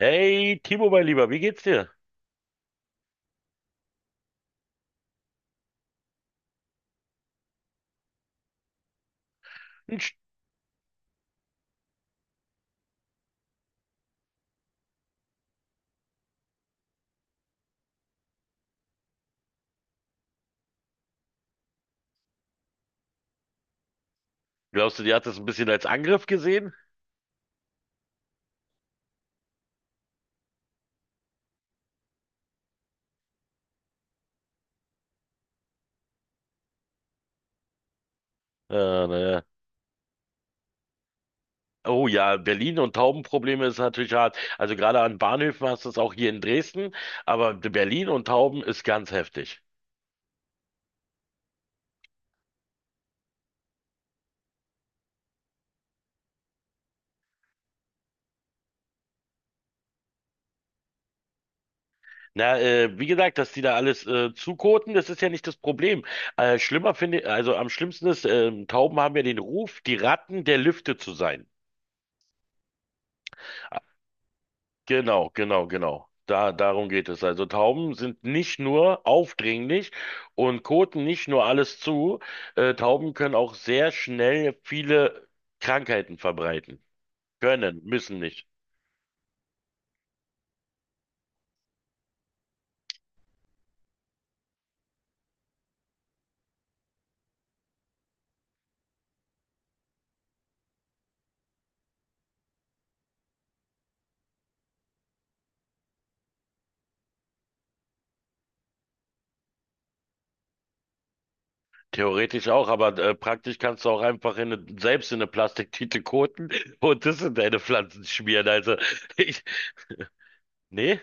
Hey, Timo, mein Lieber, wie geht's dir? Mensch, glaubst du, die hat das ein bisschen als Angriff gesehen? Äh, naja. Oh ja, Berlin und Taubenprobleme ist natürlich hart. Also gerade an Bahnhöfen hast du es auch hier in Dresden, aber Berlin und Tauben ist ganz heftig. Na, wie gesagt, dass die da alles zukoten, das ist ja nicht das Problem. Schlimmer finde, also am schlimmsten ist, Tauben haben ja den Ruf, die Ratten der Lüfte zu sein. Genau, genau, genau. Darum geht es. Also Tauben sind nicht nur aufdringlich und koten nicht nur alles zu. Tauben können auch sehr schnell viele Krankheiten verbreiten. Können, müssen nicht. Theoretisch auch, aber praktisch kannst du auch einfach selbst in eine Plastiktüte koten und das in deine Pflanzen schmieren. Also ich, nee.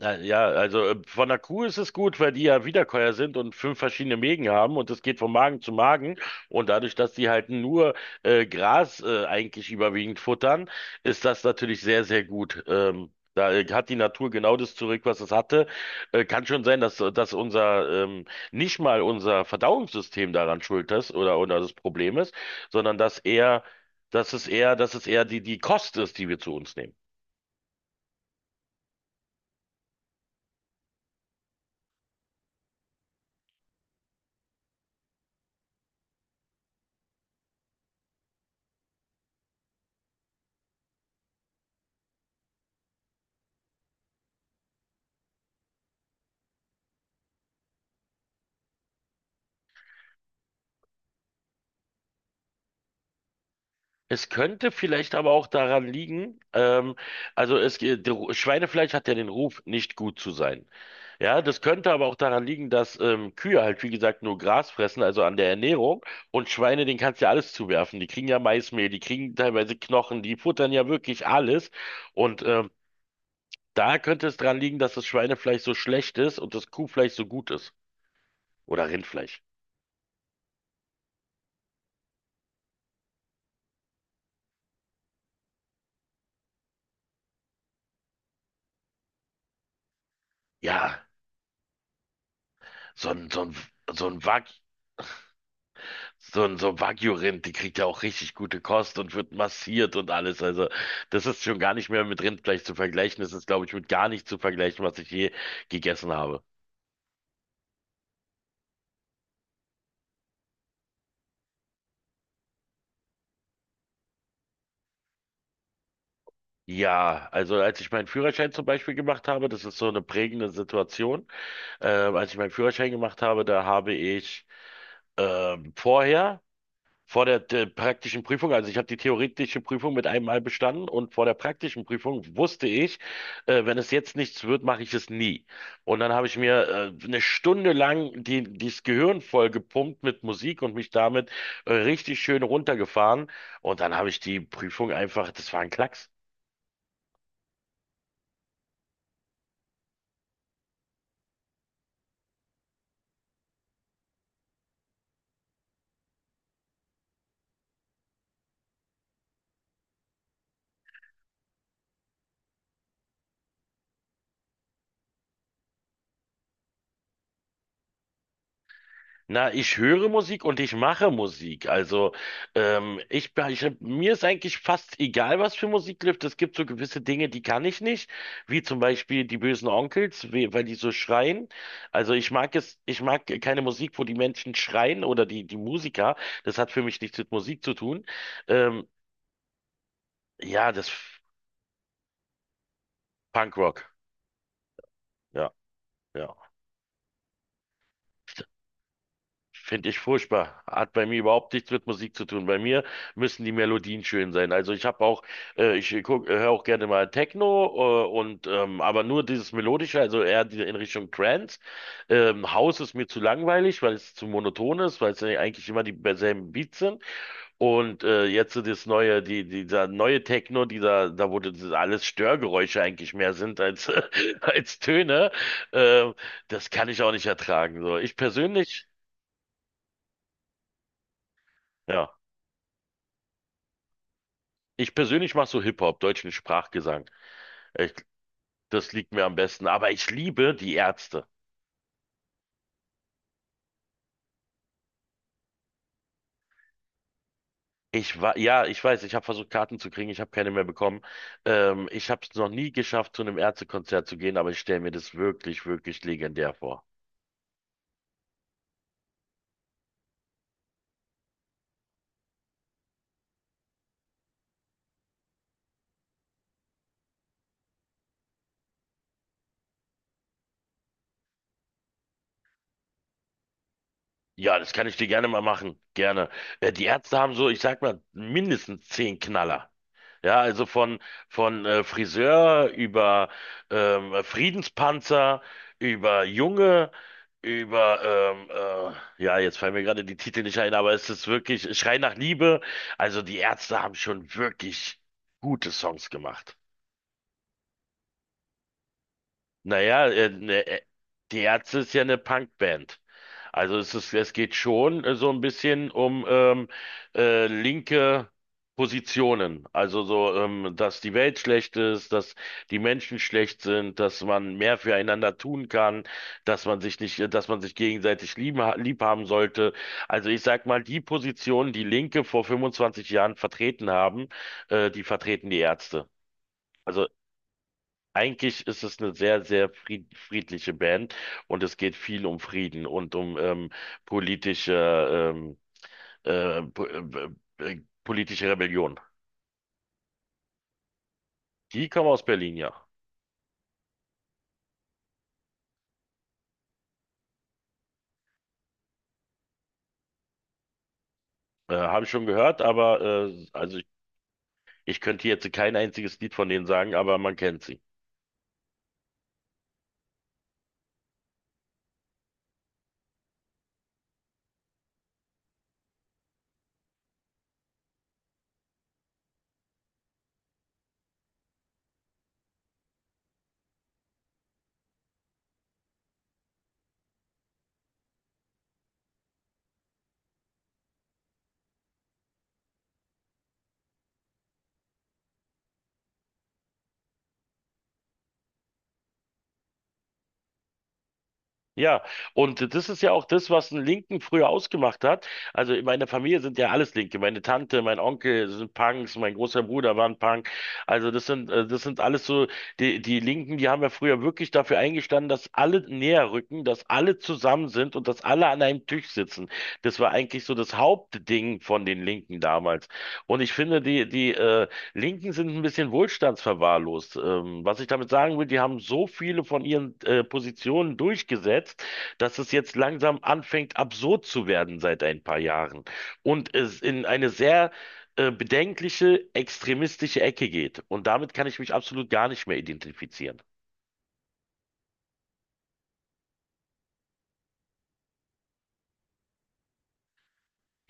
Na Ja, also von der Kuh ist es gut, weil die ja Wiederkäuer sind und fünf verschiedene Mägen haben und es geht von Magen zu Magen. Und dadurch, dass die halt nur Gras eigentlich überwiegend futtern, ist das natürlich sehr, sehr gut. Da hat die Natur genau das zurück, was es hatte. Kann schon sein, dass nicht mal unser Verdauungssystem daran schuld ist oder das Problem ist, sondern dass eher, dass es eher, dass es eher die Kost ist, die wir zu uns nehmen. Es könnte vielleicht aber auch daran liegen, also es, geht- der Ru- Schweinefleisch hat ja den Ruf, nicht gut zu sein. Ja, das könnte aber auch daran liegen, dass Kühe halt, wie gesagt, nur Gras fressen, also an der Ernährung. Und Schweine, denen kannst du ja alles zuwerfen. Die kriegen ja Maismehl, die kriegen teilweise Knochen, die futtern ja wirklich alles. Und da könnte es daran liegen, dass das Schweinefleisch so schlecht ist und das Kuhfleisch so gut ist. Oder Rindfleisch. Ja, so ein, so ein, so ein Wag So ein so Wagyu-Rind, die kriegt ja auch richtig gute Kost und wird massiert und alles. Also das ist schon gar nicht mehr mit Rindfleisch zu vergleichen. Das ist, glaube ich, mit gar nicht zu vergleichen, was ich je gegessen habe. Ja, also als ich meinen Führerschein zum Beispiel gemacht habe, das ist so eine prägende Situation. Als ich meinen Führerschein gemacht habe, da habe ich vorher vor der praktischen Prüfung, also ich habe die theoretische Prüfung mit einem Mal bestanden und vor der praktischen Prüfung wusste ich, wenn es jetzt nichts wird, mache ich es nie. Und dann habe ich mir eine Stunde lang dieses Gehirn voll gepumpt mit Musik und mich damit richtig schön runtergefahren. Und dann habe ich die Prüfung einfach, das war ein Klacks. Na, ich höre Musik und ich mache Musik. Also, mir ist eigentlich fast egal, was für Musik läuft. Es gibt so gewisse Dinge, die kann ich nicht, wie zum Beispiel die bösen Onkels, weil die so schreien. Also ich mag es, ich mag keine Musik, wo die Menschen schreien oder die Musiker. Das hat für mich nichts mit Musik zu tun. Ähm, ja, das Punkrock. Ja, ja. Finde ich furchtbar. Hat bei mir überhaupt nichts mit Musik zu tun. Bei mir müssen die Melodien schön sein. Also ich habe auch, höre auch gerne mal Techno, und aber nur dieses Melodische, also in Richtung Trance. House ist mir zu langweilig, weil es zu monoton ist, weil es ja eigentlich immer die selben Beats sind. Und jetzt so das dieser neue Techno, da wurde das alles Störgeräusche eigentlich mehr sind als als Töne. Äh, das kann ich auch nicht ertragen. So, ich persönlich. Ja. Ich persönlich mache so Hip-Hop, deutschen Sprachgesang. Ich, das liegt mir am besten. Aber ich liebe die Ärzte. Ich war, ja, ich weiß, ich habe versucht, Karten zu kriegen, ich habe keine mehr bekommen. Ich habe es noch nie geschafft, zu einem Ärztekonzert zu gehen, aber ich stelle mir das wirklich, wirklich legendär vor. Ja, das kann ich dir gerne mal machen. Gerne. Die Ärzte haben so, ich sag mal, mindestens 10 Knaller. Ja, also von Friseur über Friedenspanzer, über Junge, über, ähm, ja, jetzt fallen mir gerade die Titel nicht ein, aber es ist wirklich Schrei nach Liebe. Also die Ärzte haben schon wirklich gute Songs gemacht. Naja, ne, die Ärzte ist ja eine Punkband. Also es geht schon so ein bisschen um linke Positionen. Also so, dass die Welt schlecht ist, dass die Menschen schlecht sind, dass man mehr füreinander tun kann, dass man sich nicht, dass man sich gegenseitig lieben, lieb haben sollte. Also ich sag mal, die Positionen, die Linke vor 25 Jahren vertreten haben, die vertreten die Ärzte. Also eigentlich ist es eine sehr, sehr friedliche Band und es geht viel um Frieden und um politische, po politische Rebellion. Die kommen aus Berlin, ja. Habe ich schon gehört, aber also ich könnte jetzt kein einziges Lied von denen sagen, aber man kennt sie. Ja, und das ist ja auch das, was einen Linken früher ausgemacht hat. Also in meiner Familie sind ja alles Linke. Meine Tante, mein Onkel sind Punks, mein großer Bruder war ein Punk. Also das sind alles so, die Linken, die haben ja früher wirklich dafür eingestanden, dass alle näher rücken, dass alle zusammen sind und dass alle an einem Tisch sitzen. Das war eigentlich so das Hauptding von den Linken damals. Und ich finde, die Linken sind ein bisschen wohlstandsverwahrlost. Was ich damit sagen will, die haben so viele von ihren Positionen durchgesetzt, dass es jetzt langsam anfängt, absurd zu werden seit ein paar Jahren und es in eine sehr bedenkliche, extremistische Ecke geht. Und damit kann ich mich absolut gar nicht mehr identifizieren.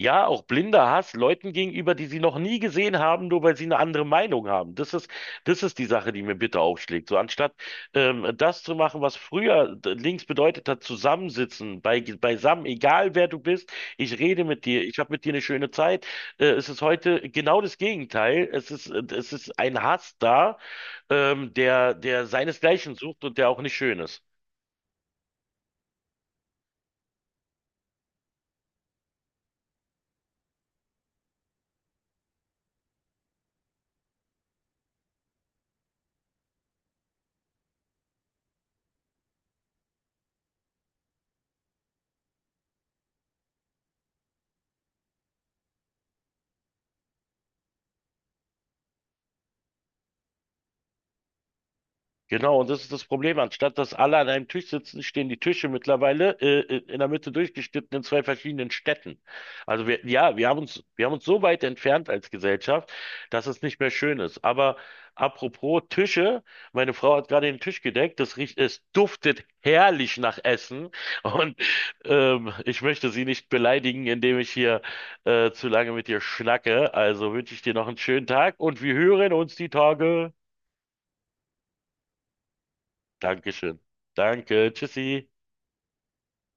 Ja, auch blinder Hass Leuten gegenüber, die sie noch nie gesehen haben, nur weil sie eine andere Meinung haben. Das ist die Sache, die mir bitter aufschlägt. So anstatt das zu machen, was früher links bedeutet hat, zusammensitzen, beisammen, egal wer du bist, ich rede mit dir, ich habe mit dir eine schöne Zeit. Es ist heute genau das Gegenteil. Es ist ein Hass da, der seinesgleichen sucht und der auch nicht schön ist. Genau, und das ist das Problem. Anstatt dass alle an einem Tisch sitzen, stehen die Tische mittlerweile in der Mitte durchgeschnitten in zwei verschiedenen Städten. Ja, wir haben uns so weit entfernt als Gesellschaft, dass es nicht mehr schön ist. Aber apropos Tische, meine Frau hat gerade den Tisch gedeckt. Es duftet herrlich nach Essen. Und ich möchte sie nicht beleidigen, indem ich hier zu lange mit dir schnacke. Also wünsche ich dir noch einen schönen Tag und wir hören uns die Tage. Dankeschön. Danke. Tschüssi.